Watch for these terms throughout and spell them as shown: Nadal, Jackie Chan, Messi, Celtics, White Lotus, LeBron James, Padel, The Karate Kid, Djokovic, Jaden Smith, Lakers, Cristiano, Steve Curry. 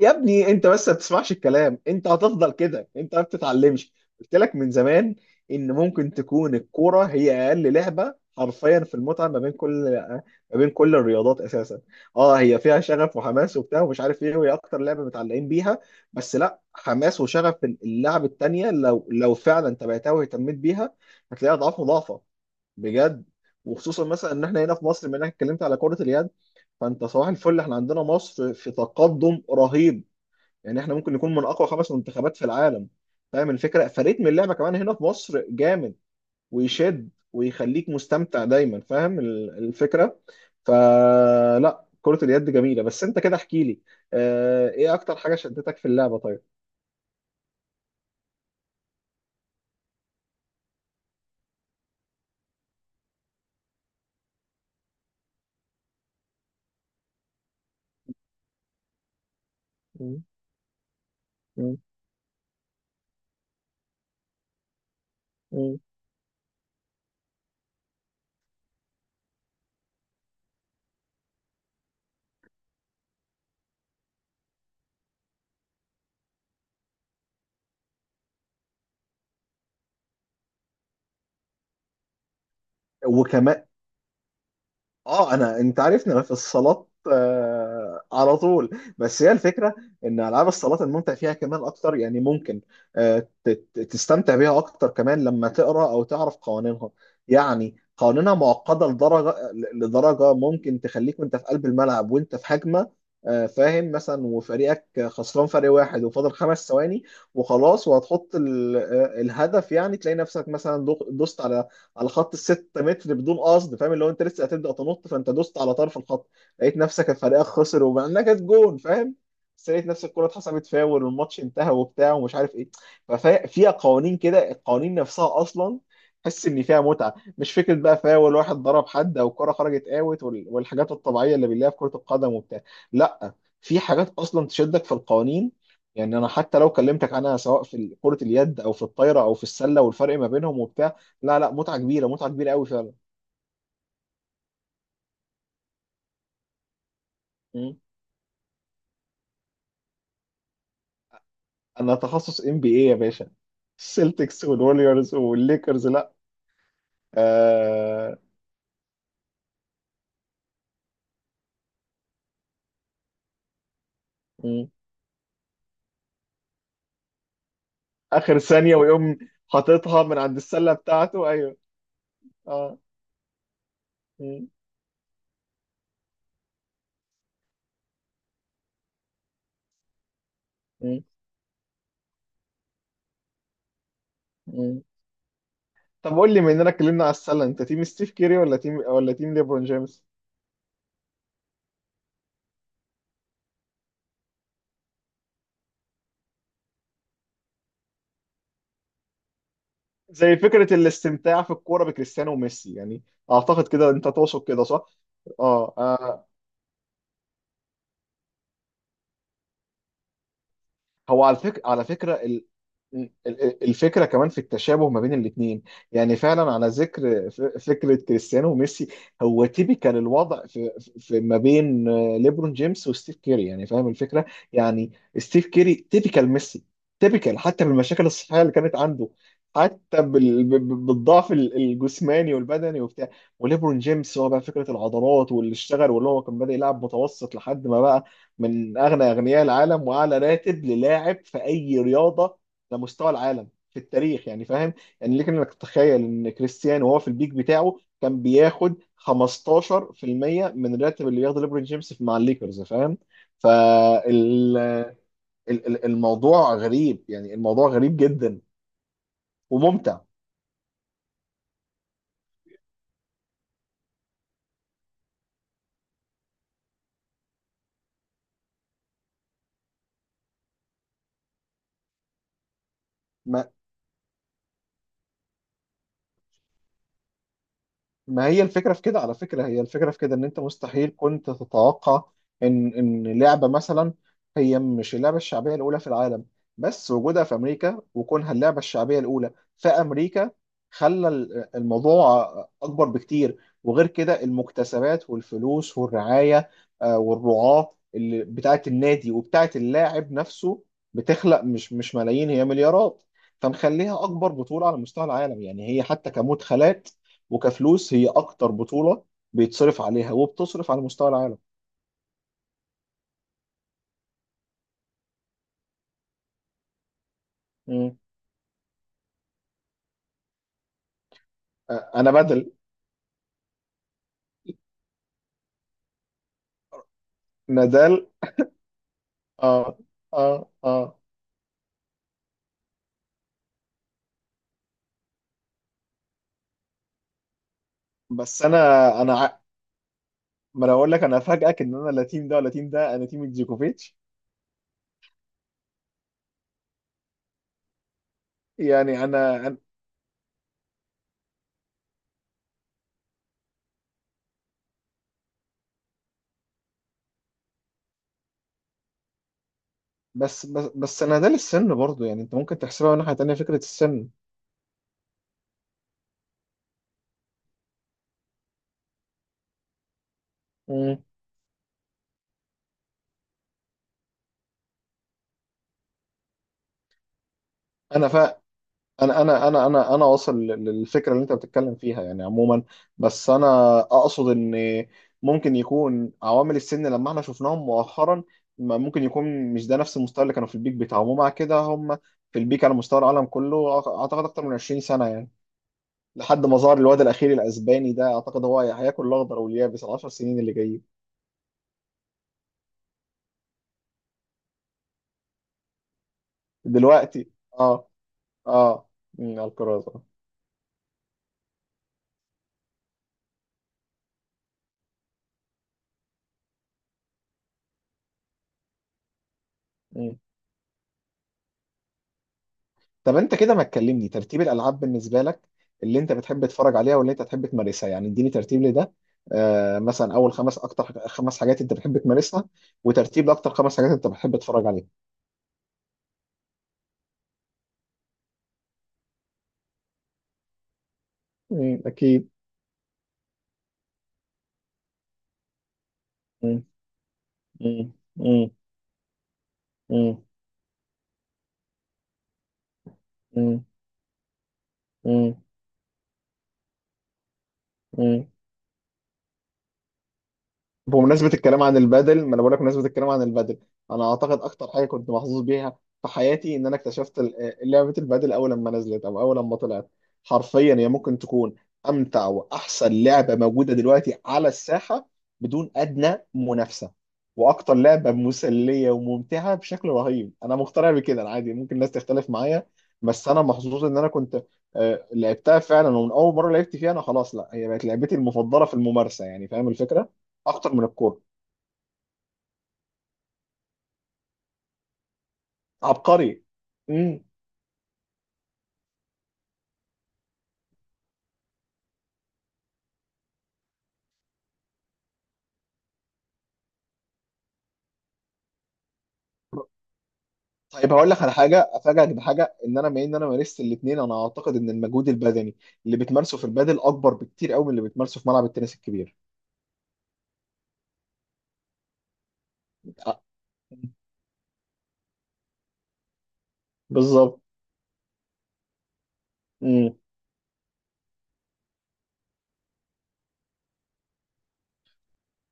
يا ابني، انت بس ما بتسمعش الكلام. انت هتفضل كده، انت ما بتتعلمش. قلت لك من زمان ان ممكن تكون الكوره هي اقل لعبه حرفيا في المتعه ما بين كل الرياضات اساسا. اه، هي فيها شغف وحماس وبتاع ومش عارف ايه، وهي اكتر لعبه متعلقين بيها. بس لا، حماس وشغف اللعب التانيه لو فعلا تبعتها واهتميت بيها، هتلاقيها اضعاف مضاعفه، بجد. وخصوصا مثلا ان احنا هنا في مصر، بما انك اتكلمت على كره اليد، فانت صباح الفل، احنا عندنا مصر في تقدم رهيب. يعني احنا ممكن نكون من اقوى خمس منتخبات في العالم، فاهم الفكره؟ فريتم اللعبه كمان هنا في مصر جامد، ويشد ويخليك مستمتع دايما، فاهم الفكره؟ فلا، كرة اليد جميلة. بس انت كده احكي لي، اه، ايه اكتر حاجة شدتك في اللعبة طيب؟ مم. مم. مم. وكمان اه، انا انت عارفني، انا في الصالات آه على طول. بس هي الفكره ان العاب الصالات الممتع فيها كمان اكتر، يعني ممكن تستمتع بيها اكتر كمان لما تقرا او تعرف قوانينها. يعني قوانينها معقده لدرجه، ممكن تخليك وانت في قلب الملعب، وانت في هجمه، آه، فاهم؟ مثلا وفريقك خسران فريق واحد وفاضل خمس ثواني وخلاص، وهتحط الهدف، يعني تلاقي نفسك مثلا دوست على خط الستة متر بدون قصد، فاهم؟ اللي هو انت لسه هتبدا تنط فانت دوست على طرف الخط، لقيت نفسك الفريق خسر. ومع انها كانت جون، فاهم، بس لقيت نفس الكرة اتحسبت فاول، والماتش انتهى وبتاع ومش عارف ايه. ففيها قوانين كده، القوانين نفسها اصلا تحس ان فيها متعه، مش فكره بقى فاول واحد ضرب حد او الكره خرجت اوت والحاجات الطبيعيه اللي بنلاقيها في كره القدم وبتاع. لا، في حاجات اصلا تشدك في القوانين. يعني انا حتى لو كلمتك عنها، سواء في كره اليد او في الطايره او في السله والفرق ما بينهم وبتاع، لا لا، متعه كبيره، متعه كبيره قوي فعلا. مم. انا تخصص ام بي اي يا باشا، السلتكس والوريورز والليكرز، لا. آه. مم. اخر ثانيه ويقوم حاططها من عند السله بتاعته، ايوه. اه. مم. مم. مم. طب قول لي، مننا اتكلمنا على السله، انت تيم ستيف كيري ولا تيم ليبرون جيمس؟ زي فكره الاستمتاع في الكوره بكريستيانو وميسي، يعني اعتقد كده انت تقصد كده، صح؟ اه. آه. هو على فكرة، على فكرة، الفكرة كمان في التشابه ما بين الاتنين. يعني فعلا على ذكر فكرة كريستيانو وميسي، هو تيبيكال الوضع في، في ما بين آه، ليبرون جيمس وستيف كيري، يعني فاهم الفكرة. يعني ستيف كيري تيبيكال ميسي، تيبيكال حتى بالمشاكل الصحية اللي كانت عنده، حتى بالضعف الجسماني والبدني وبتاع. وليبرون جيمس هو بقى فكرة العضلات واللي اشتغل، واللي هو كان بادئ يلعب متوسط لحد ما بقى من اغنى اغنياء العالم، واعلى راتب للاعب في اي رياضه على مستوى العالم في التاريخ، يعني فاهم؟ يعني ليك انك تتخيل ان كريستيانو وهو في البيك بتاعه كان بياخد 15% من الراتب اللي بياخده ليبرون جيمس مع الليكرز، فاهم؟ فال الموضوع غريب، يعني الموضوع غريب جدا وممتع. ما ما هي الفكرة في كده، على فكرة، هي الفكرة في كده ان انت مستحيل كنت تتوقع ان لعبة مثلا هي مش اللعبة الشعبية الاولى في العالم، بس وجودها في امريكا وكونها اللعبة الشعبية الاولى في امريكا، خلى الموضوع اكبر بكتير. وغير كده المكتسبات والفلوس والرعاية، آه، والرعاة اللي بتاعت النادي وبتاعت اللاعب نفسه، بتخلق مش ملايين، هي مليارات. فمخليها اكبر بطولة على مستوى العالم، يعني هي حتى كمدخلات وكفلوس هي اكتر بطوله بيتصرف عليها وبتصرف على مستوى العالم. مم. آه، انا بدل نادال. اه، اه، اه، بس انا ع- ما انا اقول لك، انا افاجئك ان انا لا تيم ده ولا تيم ده، انا تيم جوكوفيتش. يعني انا. بس نادال، السن برضه، يعني انت ممكن تحسبها من ناحيه تانيه، فكره السن. مم. انا فا انا انا انا انا انا واصل للفكره اللي انت بتتكلم فيها، يعني عموما. بس انا اقصد ان ممكن يكون عوامل السن لما احنا شفناهم مؤخرا، ما ممكن يكون مش ده نفس المستوى اللي كانوا في البيك بتاعهم. ومع كده هم في البيك على مستوى العالم كله، اعتقد اكتر من 20 سنه، يعني لحد ما ظهر الواد الاخير الاسباني ده. اعتقد هو هياكل الاخضر واليابس ال 10 سنين اللي جايين دلوقتي. اه، اه، مم، الكرازه. طب انت كده ما تكلمني ترتيب الالعاب بالنسبه لك، اللي انت بتحب تتفرج عليها واللي انت تحب تمارسها، يعني اديني ترتيب لده. آه، مثلا اول خمس، اكتر خمس حاجات انت بتحب تمارسها، وترتيب لاكتر خمس حاجات انت بتحب تتفرج عليها. مم، اكيد. مم. مم. مم. مم. مم. مم. بمناسبة الكلام عن البادل، ما انا بقول لك، بمناسبة الكلام عن البادل، انا اعتقد اكتر حاجة كنت محظوظ بيها في حياتي ان انا اكتشفت لعبة البادل. اول لما نزلت او اول لما طلعت، حرفيا هي ممكن تكون امتع واحسن لعبة موجودة دلوقتي على الساحة بدون ادنى منافسة، واكتر لعبة مسلية وممتعة بشكل رهيب. انا مقتنع بكده، انا عادي ممكن الناس تختلف معايا. بس انا محظوظ ان انا كنت آه، لعبتها فعلا. ومن اول مرة لعبت فيها انا خلاص، لا، هي بقت لعبتي المفضلة في الممارسة، يعني فاهم الفكرة. اخطر من الكوره. عبقري. امم. طيب هقول لك على حاجه، افاجئك بحاجه، ان انا بما ان انا مارست الاثنين، انا اعتقد ان المجهود البدني اللي بتمارسه في البادل اكبر بكتير قوي من اللي بتمارسه في ملعب التنس الكبير. أ- بالظبط. امم.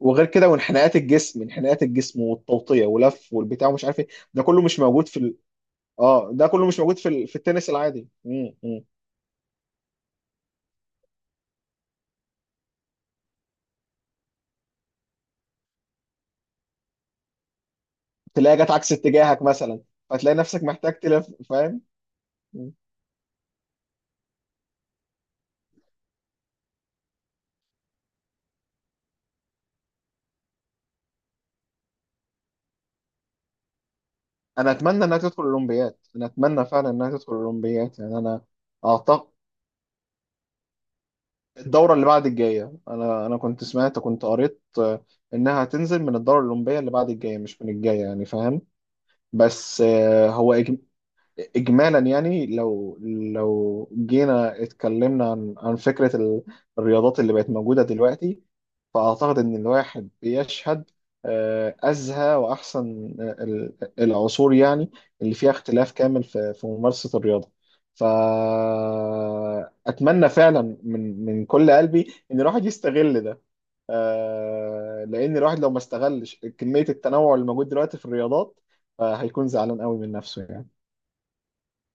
وغير كده، وانحناءات الجسم، انحناءات الجسم والتوطيه ولف والبتاع ومش عارف ايه، ده كله مش موجود في اه، ده كله مش موجود في في التنس العادي. امم. تلاقي جت عكس اتجاهك مثلا، فتلاقي نفسك محتاج تلف، فاهم. انا اتمنى انها تدخل الاولمبياد، انا اتمنى فعلا انها تدخل الاولمبياد، يعني انا اعتقد الدوره اللي بعد الجايه. انا كنت سمعت، كنت قريت، آه، انها هتنزل من الدوره الاولمبيه اللي بعد الجايه، مش من الجايه، يعني فاهم. بس آه، هو اجمالا، يعني لو جينا اتكلمنا عن فكره الرياضات اللي بقت موجوده دلوقتي، فاعتقد ان الواحد بيشهد آه، ازهى واحسن آه، العصور، يعني اللي فيها اختلاف كامل في ممارسه الرياضه. فاتمنى فعلا من كل قلبي ان الواحد يستغل ده، آه، لان الواحد لو ما استغلش كميه التنوع اللي موجود دلوقتي في الرياضات، آه، هيكون زعلان قوي من نفسه يعني.